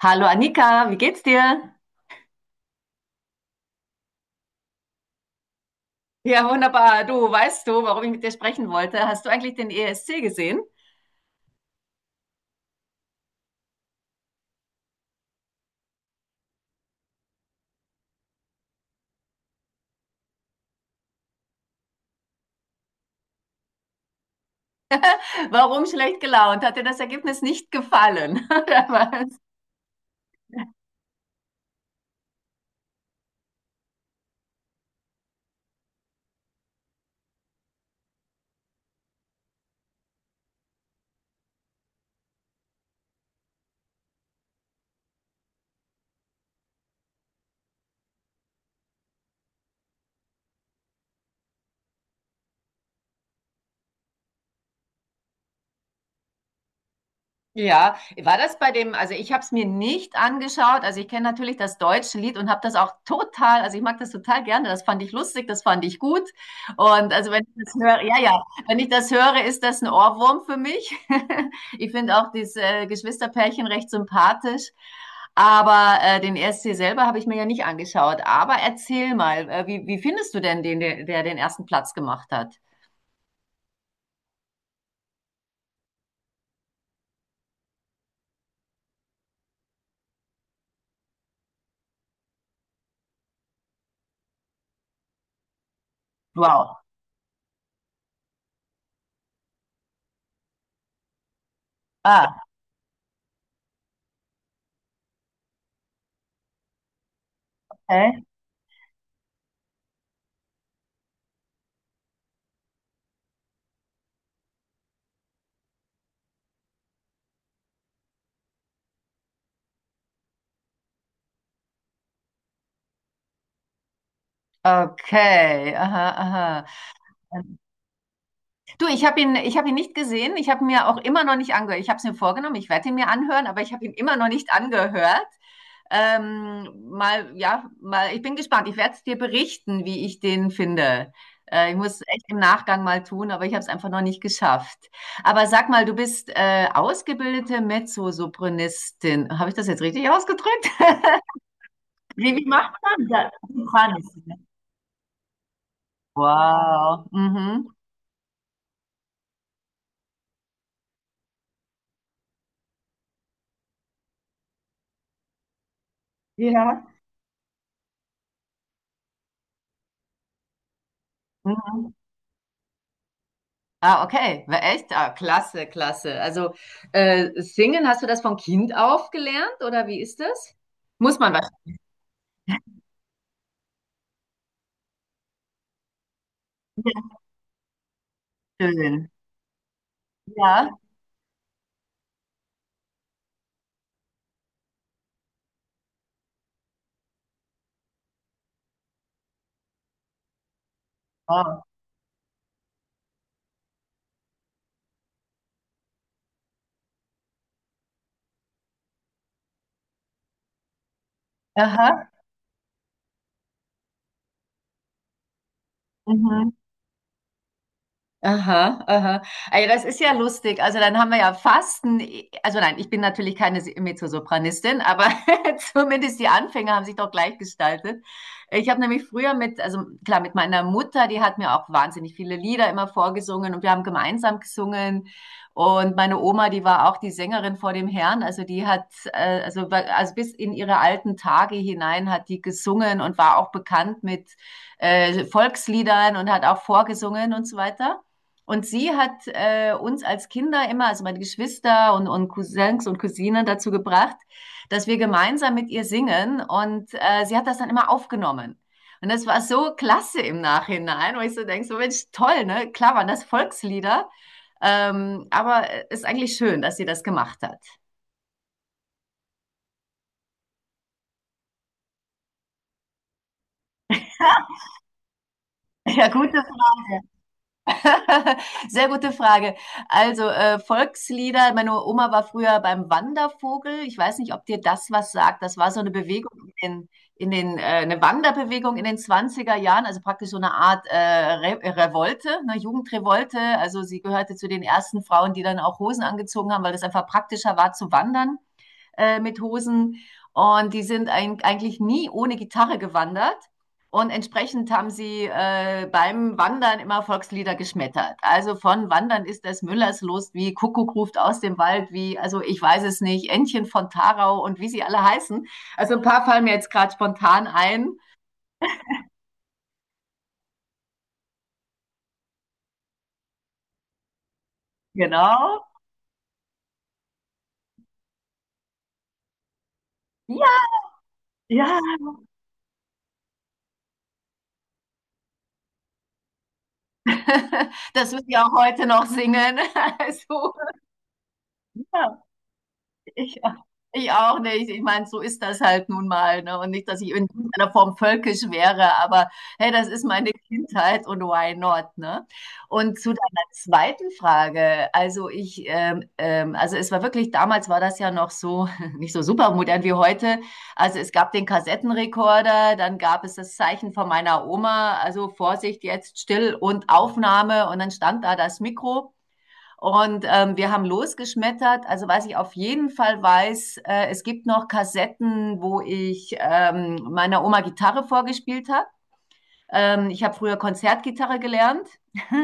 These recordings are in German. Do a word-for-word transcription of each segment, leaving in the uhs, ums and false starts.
Hallo Annika, wie geht's dir? Ja, wunderbar. Du, weißt du, warum ich mit dir sprechen wollte? Hast du eigentlich den E S C gesehen? Warum schlecht gelaunt? Hat dir das Ergebnis nicht gefallen? Ja, war das bei dem, also ich habe es mir nicht angeschaut, also ich kenne natürlich das deutsche Lied und habe das auch total, also ich mag das total gerne, das fand ich lustig, das fand ich gut und also wenn ich das höre, ja, ja, wenn ich das höre, ist das ein Ohrwurm für mich. Ich finde auch dieses äh, Geschwisterpärchen recht sympathisch, aber äh, den E S C selber habe ich mir ja nicht angeschaut, aber erzähl mal, äh, wie, wie findest du denn den, der, der den ersten Platz gemacht hat? Wow. Ah, okay. Okay, aha, aha. Du, ich habe ihn, ich hab ihn nicht gesehen. Ich habe mir auch immer noch nicht angehört. Ich habe es mir vorgenommen, ich werde ihn mir anhören, aber ich habe ihn immer noch nicht angehört. Ähm, mal, ja, mal, ich bin gespannt. Ich werde es dir berichten, wie ich den finde. Äh, ich muss es echt im Nachgang mal tun, aber ich habe es einfach noch nicht geschafft. Aber sag mal, du bist äh, ausgebildete Mezzosopranistin. Habe ich das jetzt richtig ausgedrückt? Wie, wie macht man das? Du Wow. Mhm. Ja. Mhm. Ah, okay. War echt? Ah, klasse, klasse. Also äh, singen, hast du das von Kind auf gelernt oder wie ist das? Muss man wahrscheinlich. Ja, schön. Ja. Oh. Aha. Mhm. Aha, aha. Also das ist ja lustig. Also dann haben wir ja fast, ein, also nein, ich bin natürlich keine Mezzosopranistin, aber zumindest die Anfänge haben sich doch gleich gestaltet. Ich habe nämlich früher mit, also klar, mit meiner Mutter, die hat mir auch wahnsinnig viele Lieder immer vorgesungen und wir haben gemeinsam gesungen. Und meine Oma, die war auch die Sängerin vor dem Herrn, also die hat, äh, also, wa- also bis in ihre alten Tage hinein hat die gesungen und war auch bekannt mit äh, Volksliedern und hat auch vorgesungen und so weiter. Und sie hat äh, uns als Kinder immer, also meine Geschwister und, und Cousins und Cousinen dazu gebracht, dass wir gemeinsam mit ihr singen. Und äh, sie hat das dann immer aufgenommen. Und das war so klasse im Nachhinein, wo ich so denke, so Mensch, toll, ne? Klar waren das Volkslieder, ähm, aber ist eigentlich schön, dass sie das gemacht hat. Ja, gute Frage. Sehr gute Frage. Also äh, Volkslieder, meine Oma war früher beim Wandervogel. Ich weiß nicht, ob dir das was sagt. Das war so eine Bewegung in den, in den äh, eine Wanderbewegung in den zwanziger Jahren, also praktisch so eine Art äh, Re Revolte, eine Jugendrevolte. Also sie gehörte zu den ersten Frauen, die dann auch Hosen angezogen haben, weil das einfach praktischer war zu wandern äh, mit Hosen. Und die sind ein, eigentlich nie ohne Gitarre gewandert. Und entsprechend haben sie äh, beim Wandern immer Volkslieder geschmettert. Also von Wandern ist des Müllers Lust, wie Kuckuck ruft aus dem Wald, wie, also ich weiß es nicht, Entchen von Tarau und wie sie alle heißen. Also ein paar fallen mir jetzt gerade spontan ein. Genau. Ja, ja. das wird ja auch heute noch singen. Also, ja. Ich, auch- ich auch nicht. Ich meine, so ist das halt nun mal, ne? Und nicht, dass ich in irgendeiner Form völkisch wäre, aber hey, das ist meine Kindheit und why not, ne? Und zu deiner zweiten Frage, also ich, ähm, ähm, also es war wirklich, damals war das ja noch so, nicht so super modern wie heute. Also es gab den Kassettenrekorder, dann gab es das Zeichen von meiner Oma, also Vorsicht, jetzt still und Aufnahme und dann stand da das Mikro. Und ähm, wir haben losgeschmettert. Also was ich auf jeden Fall weiß, äh, es gibt noch Kassetten, wo ich ähm, meiner Oma Gitarre vorgespielt habe. Ähm, ich habe früher Konzertgitarre gelernt,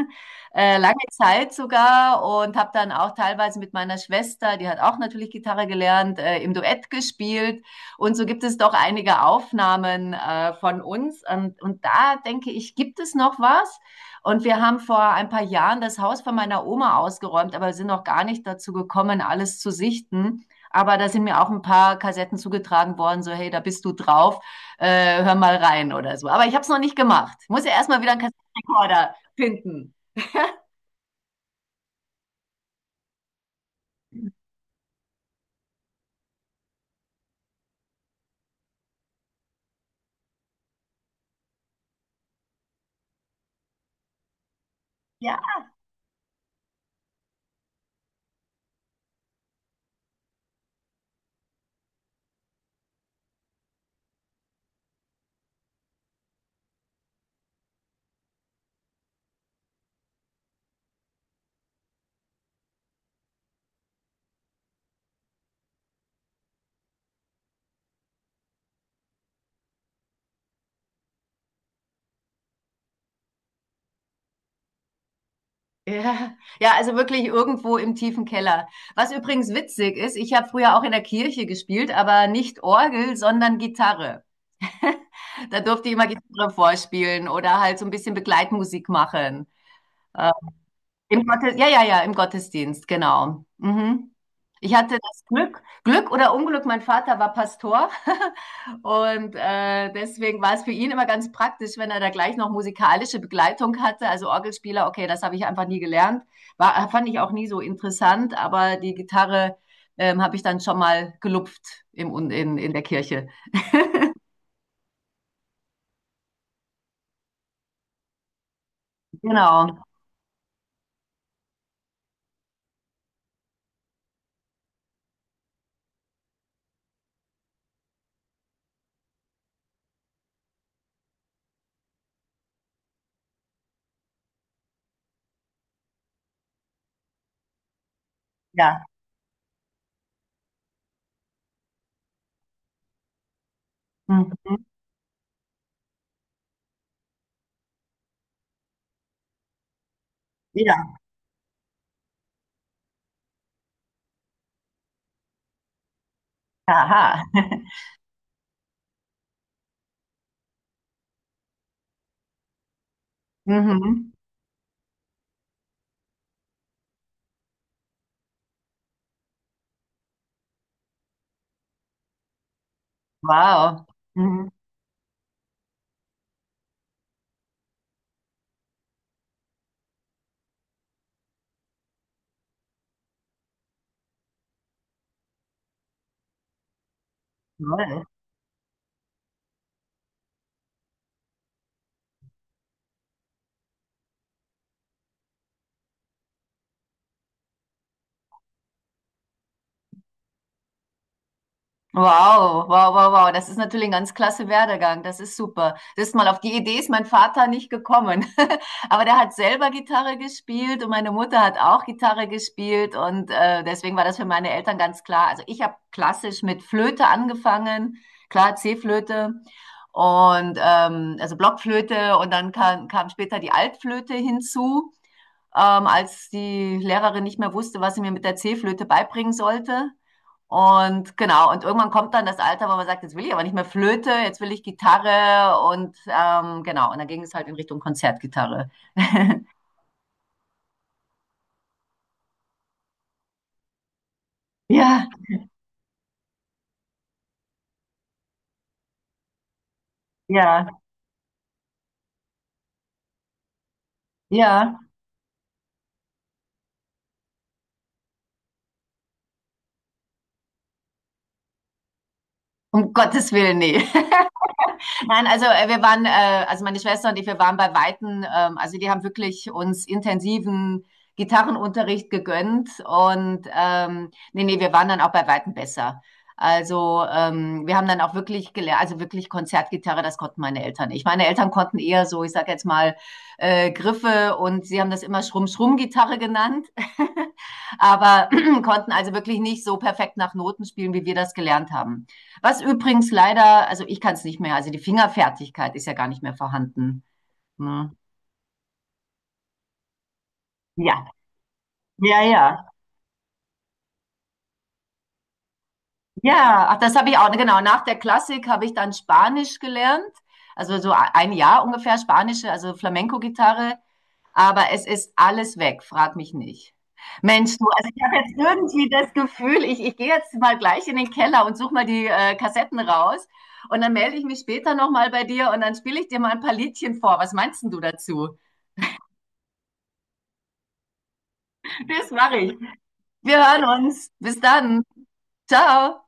äh, lange Zeit sogar und habe dann auch teilweise mit meiner Schwester, die hat auch natürlich Gitarre gelernt, äh, im Duett gespielt. Und so gibt es doch einige Aufnahmen äh, von uns. Und, und da denke ich, gibt es noch was? Und wir haben vor ein paar Jahren das Haus von meiner Oma ausgeräumt, aber sind noch gar nicht dazu gekommen, alles zu sichten. Aber da sind mir auch ein paar Kassetten zugetragen worden, so hey, da bist du drauf äh, hör mal rein oder so. Aber ich habe es noch nicht gemacht. Ich muss ja erstmal wieder einen Kassettenrekorder finden. Ja, ja, ja, also wirklich irgendwo im tiefen Keller. Was übrigens witzig ist, ich habe früher auch in der Kirche gespielt, aber nicht Orgel, sondern Gitarre. da durfte ich immer Gitarre vorspielen oder halt so ein bisschen Begleitmusik machen. Äh, Im Gottes, ja, ja, ja, im Gottesdienst, genau. Mhm. Ich hatte das Glück, Glück oder Unglück, mein Vater war Pastor und äh, deswegen war es für ihn immer ganz praktisch, wenn er da gleich noch musikalische Begleitung hatte. Also Orgelspieler, okay, das habe ich einfach nie gelernt, war, fand ich auch nie so interessant, aber die Gitarre ähm, habe ich dann schon mal gelupft im, Un- in, in der Kirche. Genau, ja. Mhm. Ja, aha. Mhm. Wow. Mhm. Toll. Wow, wow, wow, wow. Das ist natürlich ein ganz klasse Werdegang. Das ist super. Das ist mal auf die Idee ist mein Vater nicht gekommen. Aber der hat selber Gitarre gespielt und meine Mutter hat auch Gitarre gespielt. Und äh, deswegen war das für meine Eltern ganz klar. Also ich habe klassisch mit Flöte angefangen. Klar, C-Flöte. Und ähm, also Blockflöte. Und dann kam, kam später die Altflöte hinzu, ähm, als die Lehrerin nicht mehr wusste, was sie mir mit der C-Flöte beibringen sollte. Und genau, und irgendwann kommt dann das Alter, wo man sagt, jetzt will ich aber nicht mehr Flöte, jetzt will ich Gitarre und ähm, genau, und dann ging es halt in Richtung Konzertgitarre. Ja, ja, ja. Um Gottes Willen, nee. Nein, also äh, wir waren, äh, also meine Schwester und ich, wir waren bei Weitem, ähm, also die haben wirklich uns intensiven Gitarrenunterricht gegönnt und ähm, nee, nee, wir waren dann auch bei Weitem besser. Also ähm, wir haben dann auch wirklich gelernt, also wirklich Konzertgitarre, das konnten meine Eltern nicht. Meine Eltern konnten eher so, ich sage jetzt mal, äh, Griffe und sie haben das immer Schrumm-Schrumm-Gitarre genannt, aber konnten also wirklich nicht so perfekt nach Noten spielen, wie wir das gelernt haben. Was übrigens leider, also ich kann es nicht mehr, also die Fingerfertigkeit ist ja gar nicht mehr vorhanden. Ne? Ja, ja, ja. Ja, ach, das habe ich auch, genau. Nach der Klassik habe ich dann Spanisch gelernt. Also so ein Jahr ungefähr Spanische, also Flamenco-Gitarre. Aber es ist alles weg, frag mich nicht. Mensch, du, also ich habe jetzt irgendwie das Gefühl, ich, ich gehe jetzt mal gleich in den Keller und suche mal die äh, Kassetten raus. Und dann melde ich mich später nochmal bei dir und dann spiele ich dir mal ein paar Liedchen vor. Was meinst denn du dazu? Das mache ich. Wir hören uns. Bis dann. Ciao.